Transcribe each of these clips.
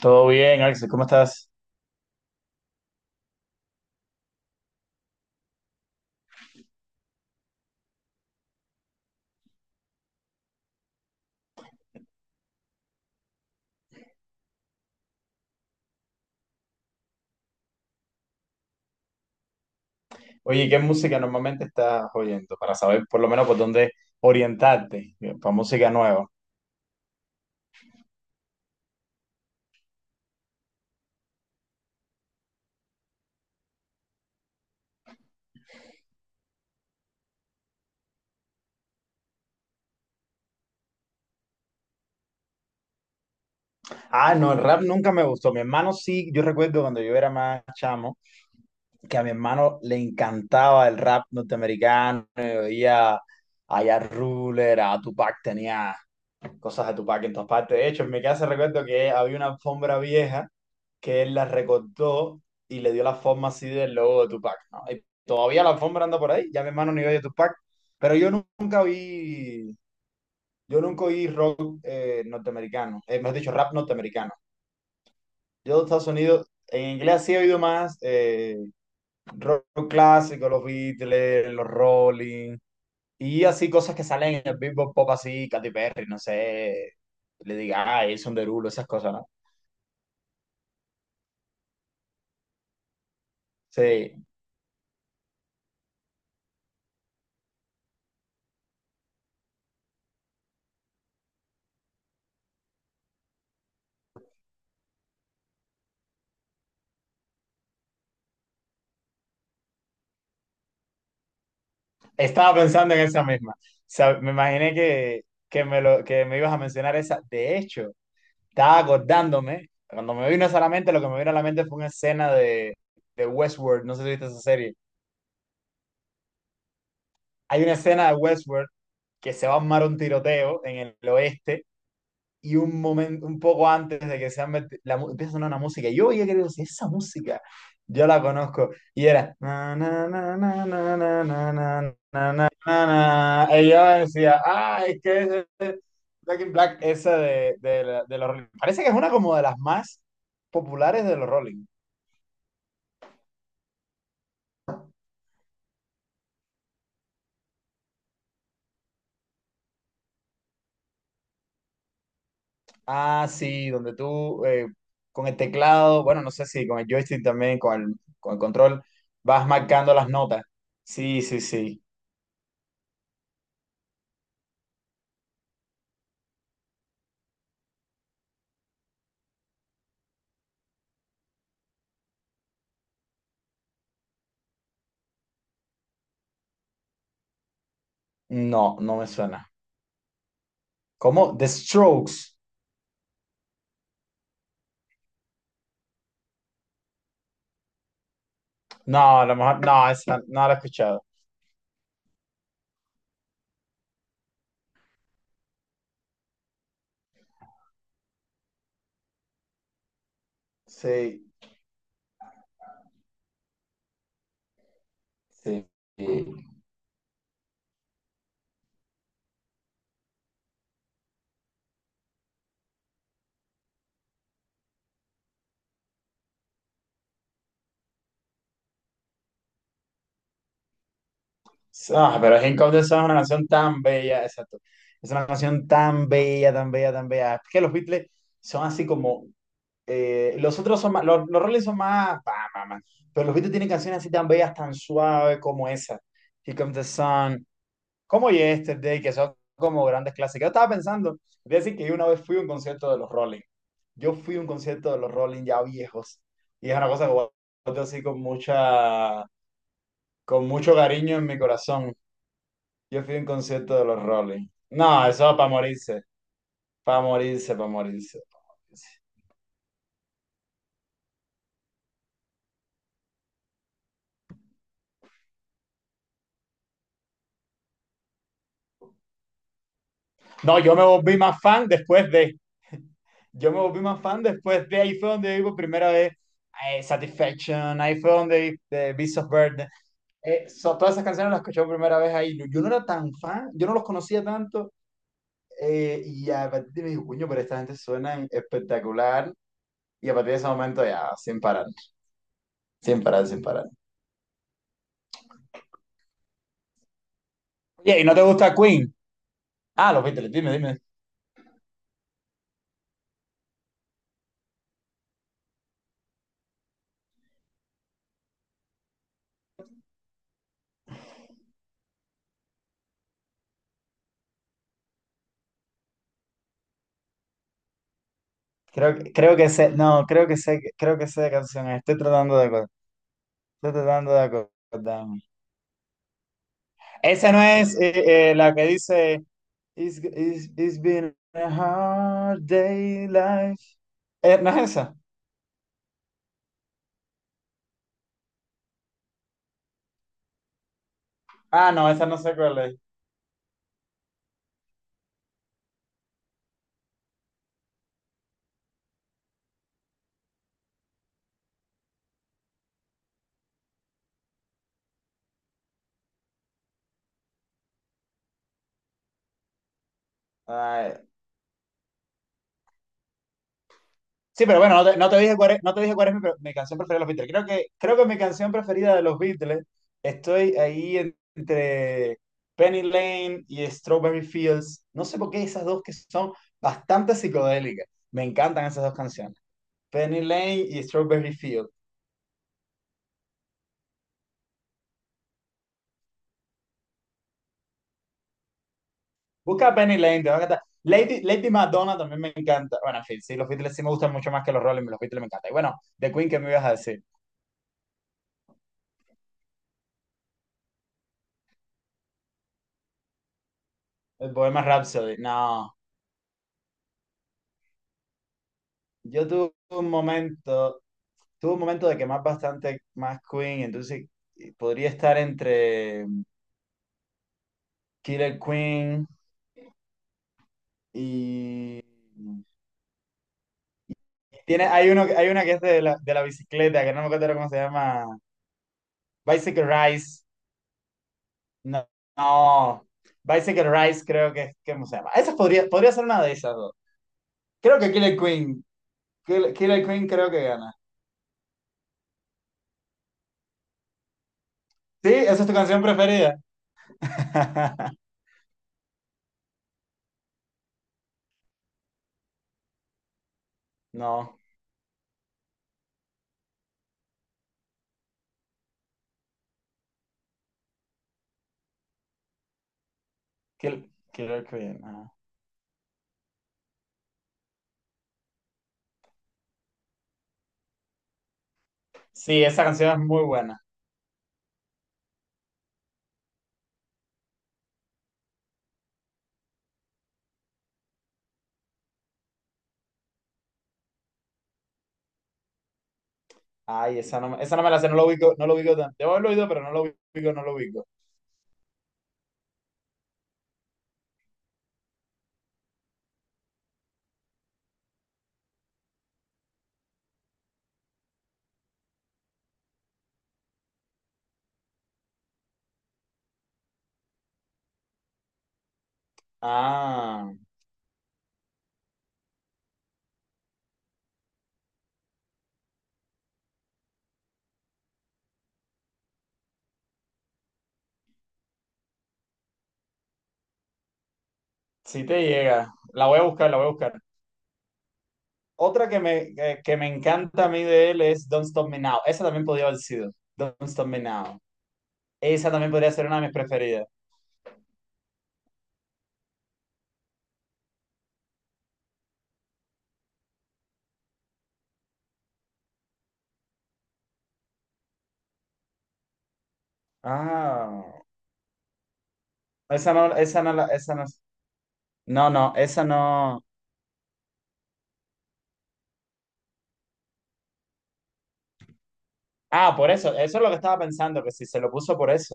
Todo bien, Axel, ¿cómo estás? Oye, ¿qué música normalmente estás oyendo? Para saber por lo menos por dónde orientarte, para música nueva. Ah, no, el rap nunca me gustó. Mi hermano sí, yo recuerdo cuando yo era más chamo, que a mi hermano le encantaba el rap norteamericano, oía a Ja Ruler, a Tupac tenía cosas de Tupac en todas partes. De hecho, en mi casa recuerdo que había una alfombra vieja que él la recortó y le dio la forma así del logo de Tupac, ¿no? Y todavía la alfombra anda por ahí, ya mi hermano ni oye Tupac, pero nunca vi, yo nunca oí rock norteamericano, mejor dicho, rap norteamericano. Yo de Estados Unidos, en inglés sí he oído más rock clásico, los Beatles, los Rolling, y así cosas que salen en el Billboard Pop, así, Katy Perry, no sé, le diga, ah, Jason Derulo, esas cosas, ¿no? Sí, estaba pensando en esa misma. O sea, me imaginé que me ibas a mencionar esa. De hecho, estaba acordándome, cuando me vino esa a la mente, lo que me vino a la mente fue una escena de Westworld, no sé si viste esa serie. Hay una escena de Westworld que se va a armar un tiroteo en el oeste y un momento, un poco antes de que se han meti- la, mu- empieza a sonar una música, y yo ya creo, si esa música, yo la conozco, y era, na, na, na, na, na, na, na, na, na, na, y yo decía, ah, es que es Black in Black, esa de los Rolling, parece que es una como de las más populares de los Rolling. Ah, sí, donde tú, con el teclado, bueno, no sé si con el joystick también, con el control, vas marcando las notas, sí, sí, sí, no, no me suena. ¿Cómo? The Strokes. No, a lo mejor, no, esa no la he escuchado. Sí, sí, sí. Ah, pero King of the Sun es una canción tan bella, exacto. Es una canción tan bella, tan bella, tan bella. Es que los Beatles son así como, los otros son más. Los Rolling son más, pa, pa, pa. Pero los Beatles tienen canciones así tan bellas, tan suaves como esa. Here Comes the Sun, como Yesterday, que son como grandes clásicos. Yo estaba pensando decir que yo una vez fui a un concierto de los Rolling. Yo fui a un concierto de los Rolling ya viejos. Y es una cosa que guardo así con con mucho cariño en mi corazón. Yo fui a un concierto de los Rolling. No, eso para morirse, para morirse, para morirse. Morirse. No, yo me volví más fan después de. Yo me volví más fan después de. Ahí fue donde vi por primera vez Satisfaction, ahí fue donde vi Beast of Burden. Todas esas canciones las escuché por primera vez ahí. Yo no era tan fan, yo no los conocía tanto, y a partir de me dije: "Coño, pero esta gente suena espectacular". Y a partir de ese momento ya, sin parar, sin parar, sin parar. Oye, ¿y no te gusta Queen? Ah, los Beatles, dime, dime. Creo creo que sé, no, creo que sé de canción. Estoy tratando de estoy tratando de acordarme. Esa no es la que dice it's been a hard day life. ¿No es esa? Ah, no, esa no sé cuál es. Ay. Sí, pero bueno, no te dije cuál es, no te dije cuál es mi canción preferida de los Beatles. Creo que mi canción preferida de los Beatles estoy ahí entre Penny Lane y Strawberry Fields. No sé por qué esas dos que son bastante psicodélicas. Me encantan esas dos canciones. Penny Lane y Strawberry Fields. Busca Penny Lane, te va a encantar. Lady, Lady Madonna también me encanta. Bueno, en fin, sí, los Beatles sí me gustan mucho más que los Rolling, los Beatles me encantan. Y bueno, The Queen, ¿qué me ibas a decir? El Bohemian Rhapsody. No, yo tuve un momento de quemar bastante más Queen, entonces podría estar entre mm, Killer Queen y... y tiene, hay, uno, hay una que es de la bicicleta, que no me acuerdo cómo se llama. Bicycle Rise. No, no. Bicycle Rise creo que es, que ¿cómo se llama? Esa podría, podría ser una de esas dos. Creo que Killer Queen. Killer Queen creo que gana. ¿Sí? ¿Esa es tu canción preferida? No. Kill- Killer Queen, ah. Sí, esa canción es muy buena. Ay, esa no, esa no me la sé, no lo ubico, no lo ubico tanto. Debo haberlo oído, pero no lo ubico, no lo ubico. Ah, sí te llega. La voy a buscar, la voy a buscar. Otra que que me encanta a mí de él es Don't Stop Me Now. Esa también podía haber sido. Don't Stop Me Now. Esa también podría ser una de mis preferidas. Ah, esa no, esa no, esa no. No, no, esa no. Ah, por eso, eso es lo que estaba pensando, que si se lo puso por eso.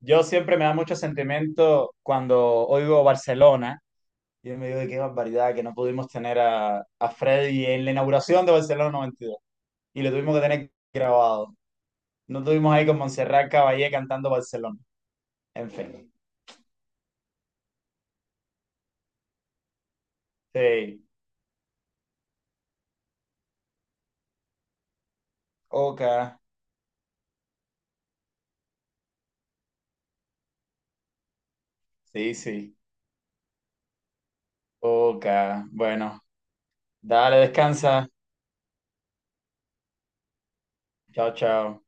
Yo siempre me da mucho sentimiento cuando oigo Barcelona, y yo me digo: "Ay, qué barbaridad que no pudimos tener a Freddy en la inauguración de Barcelona 92, y dos, y lo tuvimos que tener grabado. No tuvimos ahí con Montserrat Caballé cantando Barcelona". En fin, sí, ok, sí, sí, ok, bueno, dale, descansa. Chao, chao.